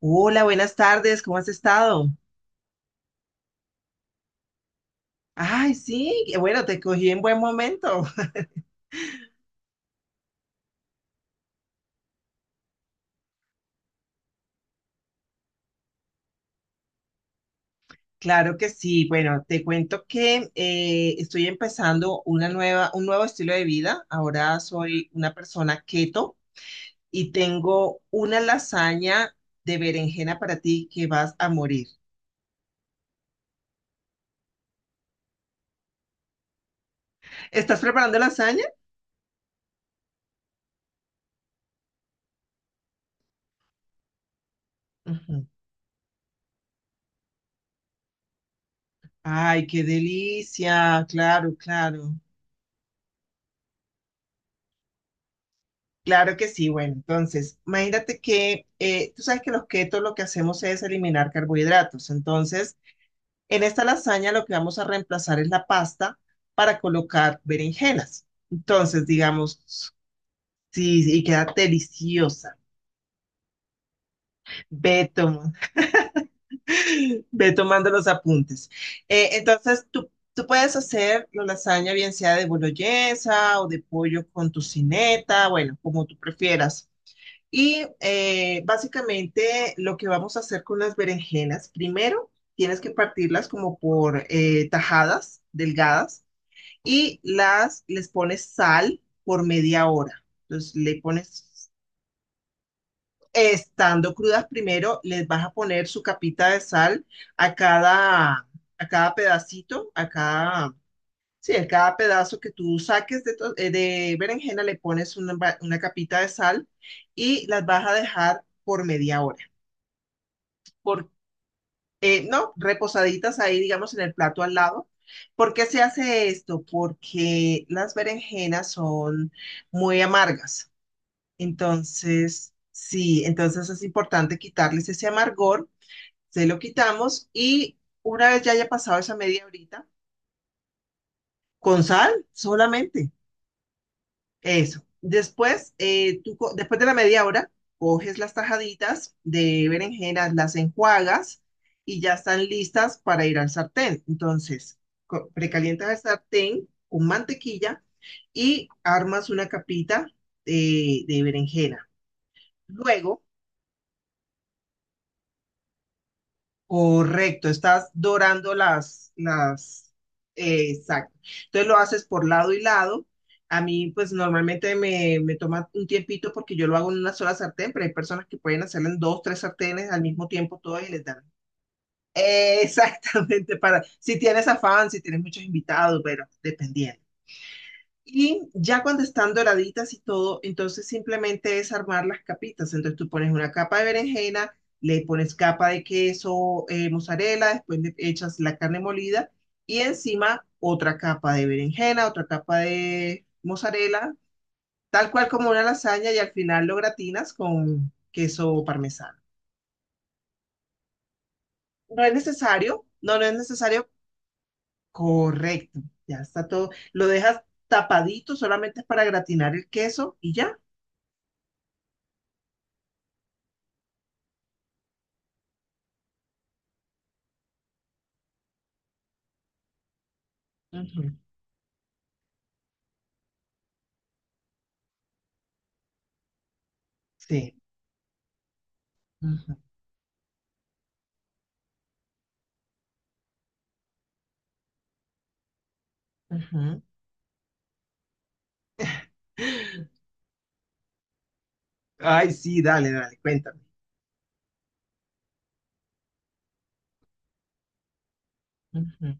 Hola, buenas tardes, ¿cómo has estado? Ay, sí, qué bueno, te cogí en buen momento. Claro que sí. Bueno, te cuento que estoy empezando un nuevo estilo de vida. Ahora soy una persona keto y tengo una lasaña de berenjena para ti que vas a morir. ¿Estás preparando lasaña? Ujú. Ay, qué delicia. Claro, claro. Claro que sí, bueno, entonces, imagínate que tú sabes que los keto lo que hacemos es eliminar carbohidratos. Entonces, en esta lasaña lo que vamos a reemplazar es la pasta para colocar berenjenas. Entonces, digamos, sí, sí, y queda deliciosa. Ve, toma- ve tomando los apuntes. Entonces, tú puedes hacer la lasaña bien sea de boloñesa o de pollo con tocineta, bueno, como tú prefieras. Y básicamente lo que vamos a hacer con las berenjenas, primero tienes que partirlas como por tajadas delgadas y las les pones sal por 30 minutos. Entonces le pones, estando crudas primero, les vas a poner su capita de sal a cada, a cada pedacito, a cada, sí, a cada pedazo que tú saques de berenjena le pones una capita de sal y las vas a dejar por media hora. por, ¿No? Reposaditas ahí, digamos, en el plato al lado. ¿Por qué se hace esto? Porque las berenjenas son muy amargas. Entonces, sí, entonces es importante quitarles ese amargor, se lo quitamos y una vez ya haya pasado esa media horita, con sal solamente. Eso. Después, después de la media hora, coges las tajaditas de berenjenas, las enjuagas y ya están listas para ir al sartén. Entonces, precalientas el sartén con mantequilla y armas una capita de berenjena. Luego, correcto, estás dorando las, exacto. Entonces lo haces por lado y lado. A mí, pues normalmente me toma un tiempito porque yo lo hago en una sola sartén, pero hay personas que pueden hacerlo en dos, tres sartenes al mismo tiempo todas y les dan. Exactamente, para si tienes afán, si tienes muchos invitados, pero dependiendo. Y ya cuando están doraditas y todo, entonces simplemente es armar las capitas. Entonces tú pones una capa de berenjena, le pones capa de queso, mozzarella, después le echas la carne molida y encima otra capa de berenjena, otra capa de mozzarella, tal cual como una lasaña y al final lo gratinas con queso parmesano. No es necesario, no, no es necesario, correcto, ya está todo. Lo dejas tapadito, solamente es para gratinar el queso y ya. Ujú. Sí. Ujú, ujú. Ay, sí, dale, dale, cuéntame. Ujú,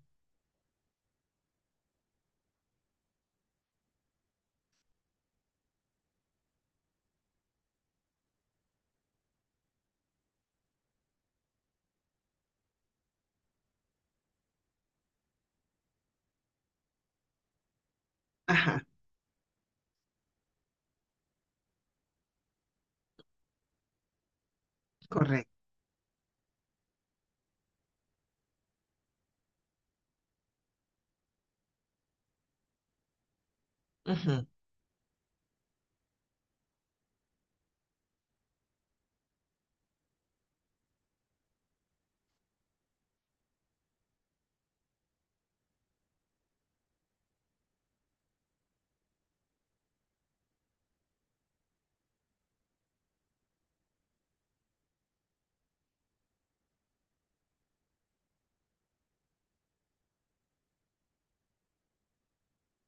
ajá, correcto. Ujú.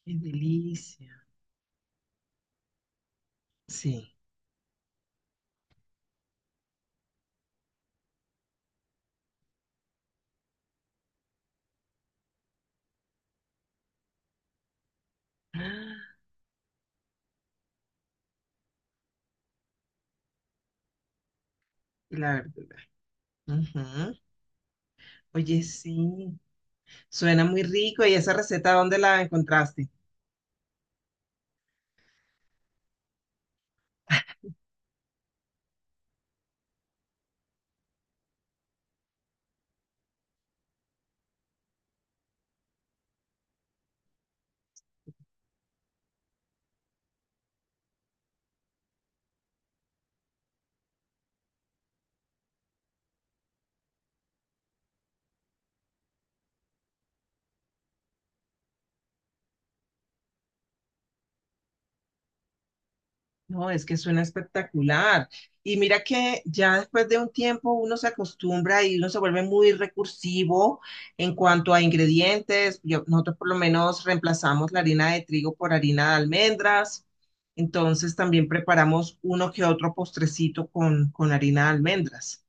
Qué delicia. Sí. Ah, y la verdura. Ujú. Oye, sí. Suena muy rico. ¿Y esa receta dónde la encontraste? No, es que suena espectacular. Y mira que ya después de un tiempo uno se acostumbra y uno se vuelve muy recursivo en cuanto a ingredientes. Nosotros por lo menos reemplazamos la harina de trigo por harina de almendras. Entonces también preparamos uno que otro postrecito con harina de almendras.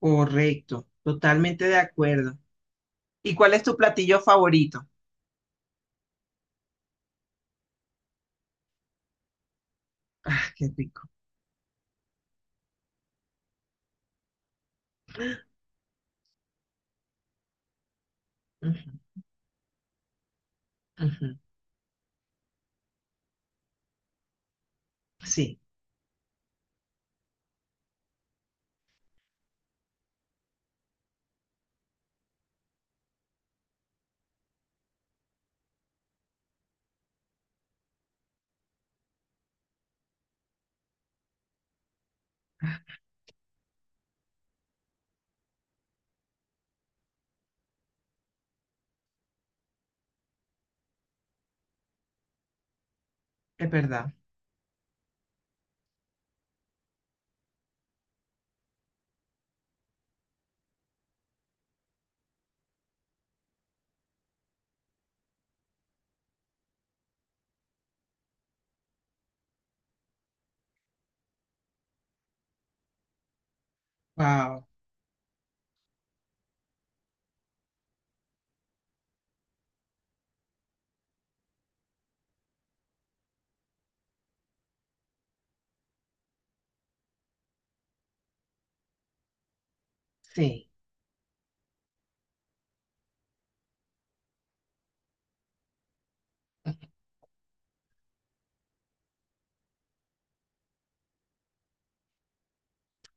Correcto, totalmente de acuerdo. ¿Y cuál es tu platillo favorito? Ah, qué rico. Ujú, ujú. Sí, es verdad. Wow, sí.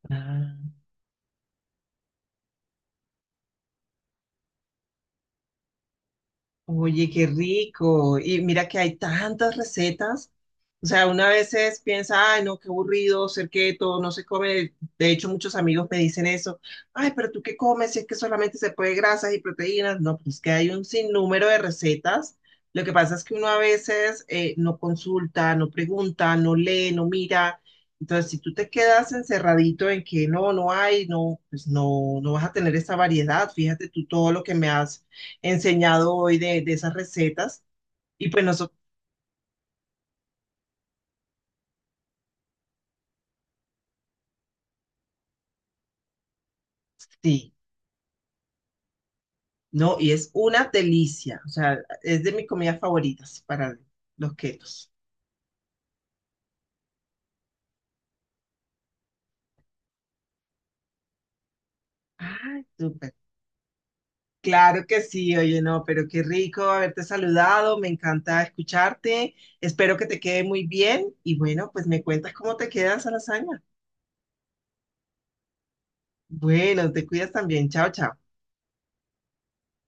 Ah. Oye, qué rico. Y mira que hay tantas recetas. O sea, una veces piensa, ay, no, qué aburrido ser keto, no se come. De hecho, muchos amigos me dicen eso. Ay, pero tú qué comes si es que solamente se puede grasas y proteínas. No, pues que hay un sinnúmero de recetas. Lo que pasa es que uno a veces no consulta, no pregunta, no lee, no mira. Entonces, si tú te quedas encerradito en que no, no hay, no, pues no, no vas a tener esa variedad. Fíjate tú todo lo que me has enseñado hoy de esas recetas. Y pues nosotros, sí, no, y es una delicia. O sea, es de mis comidas favoritas para los ketos. Ay, súper. Claro que sí, oye, no, pero qué rico haberte saludado, me encanta escucharte, espero que te quede muy bien y bueno, pues me cuentas cómo te queda esa lasaña. Bueno, te cuidas también, chao, chao.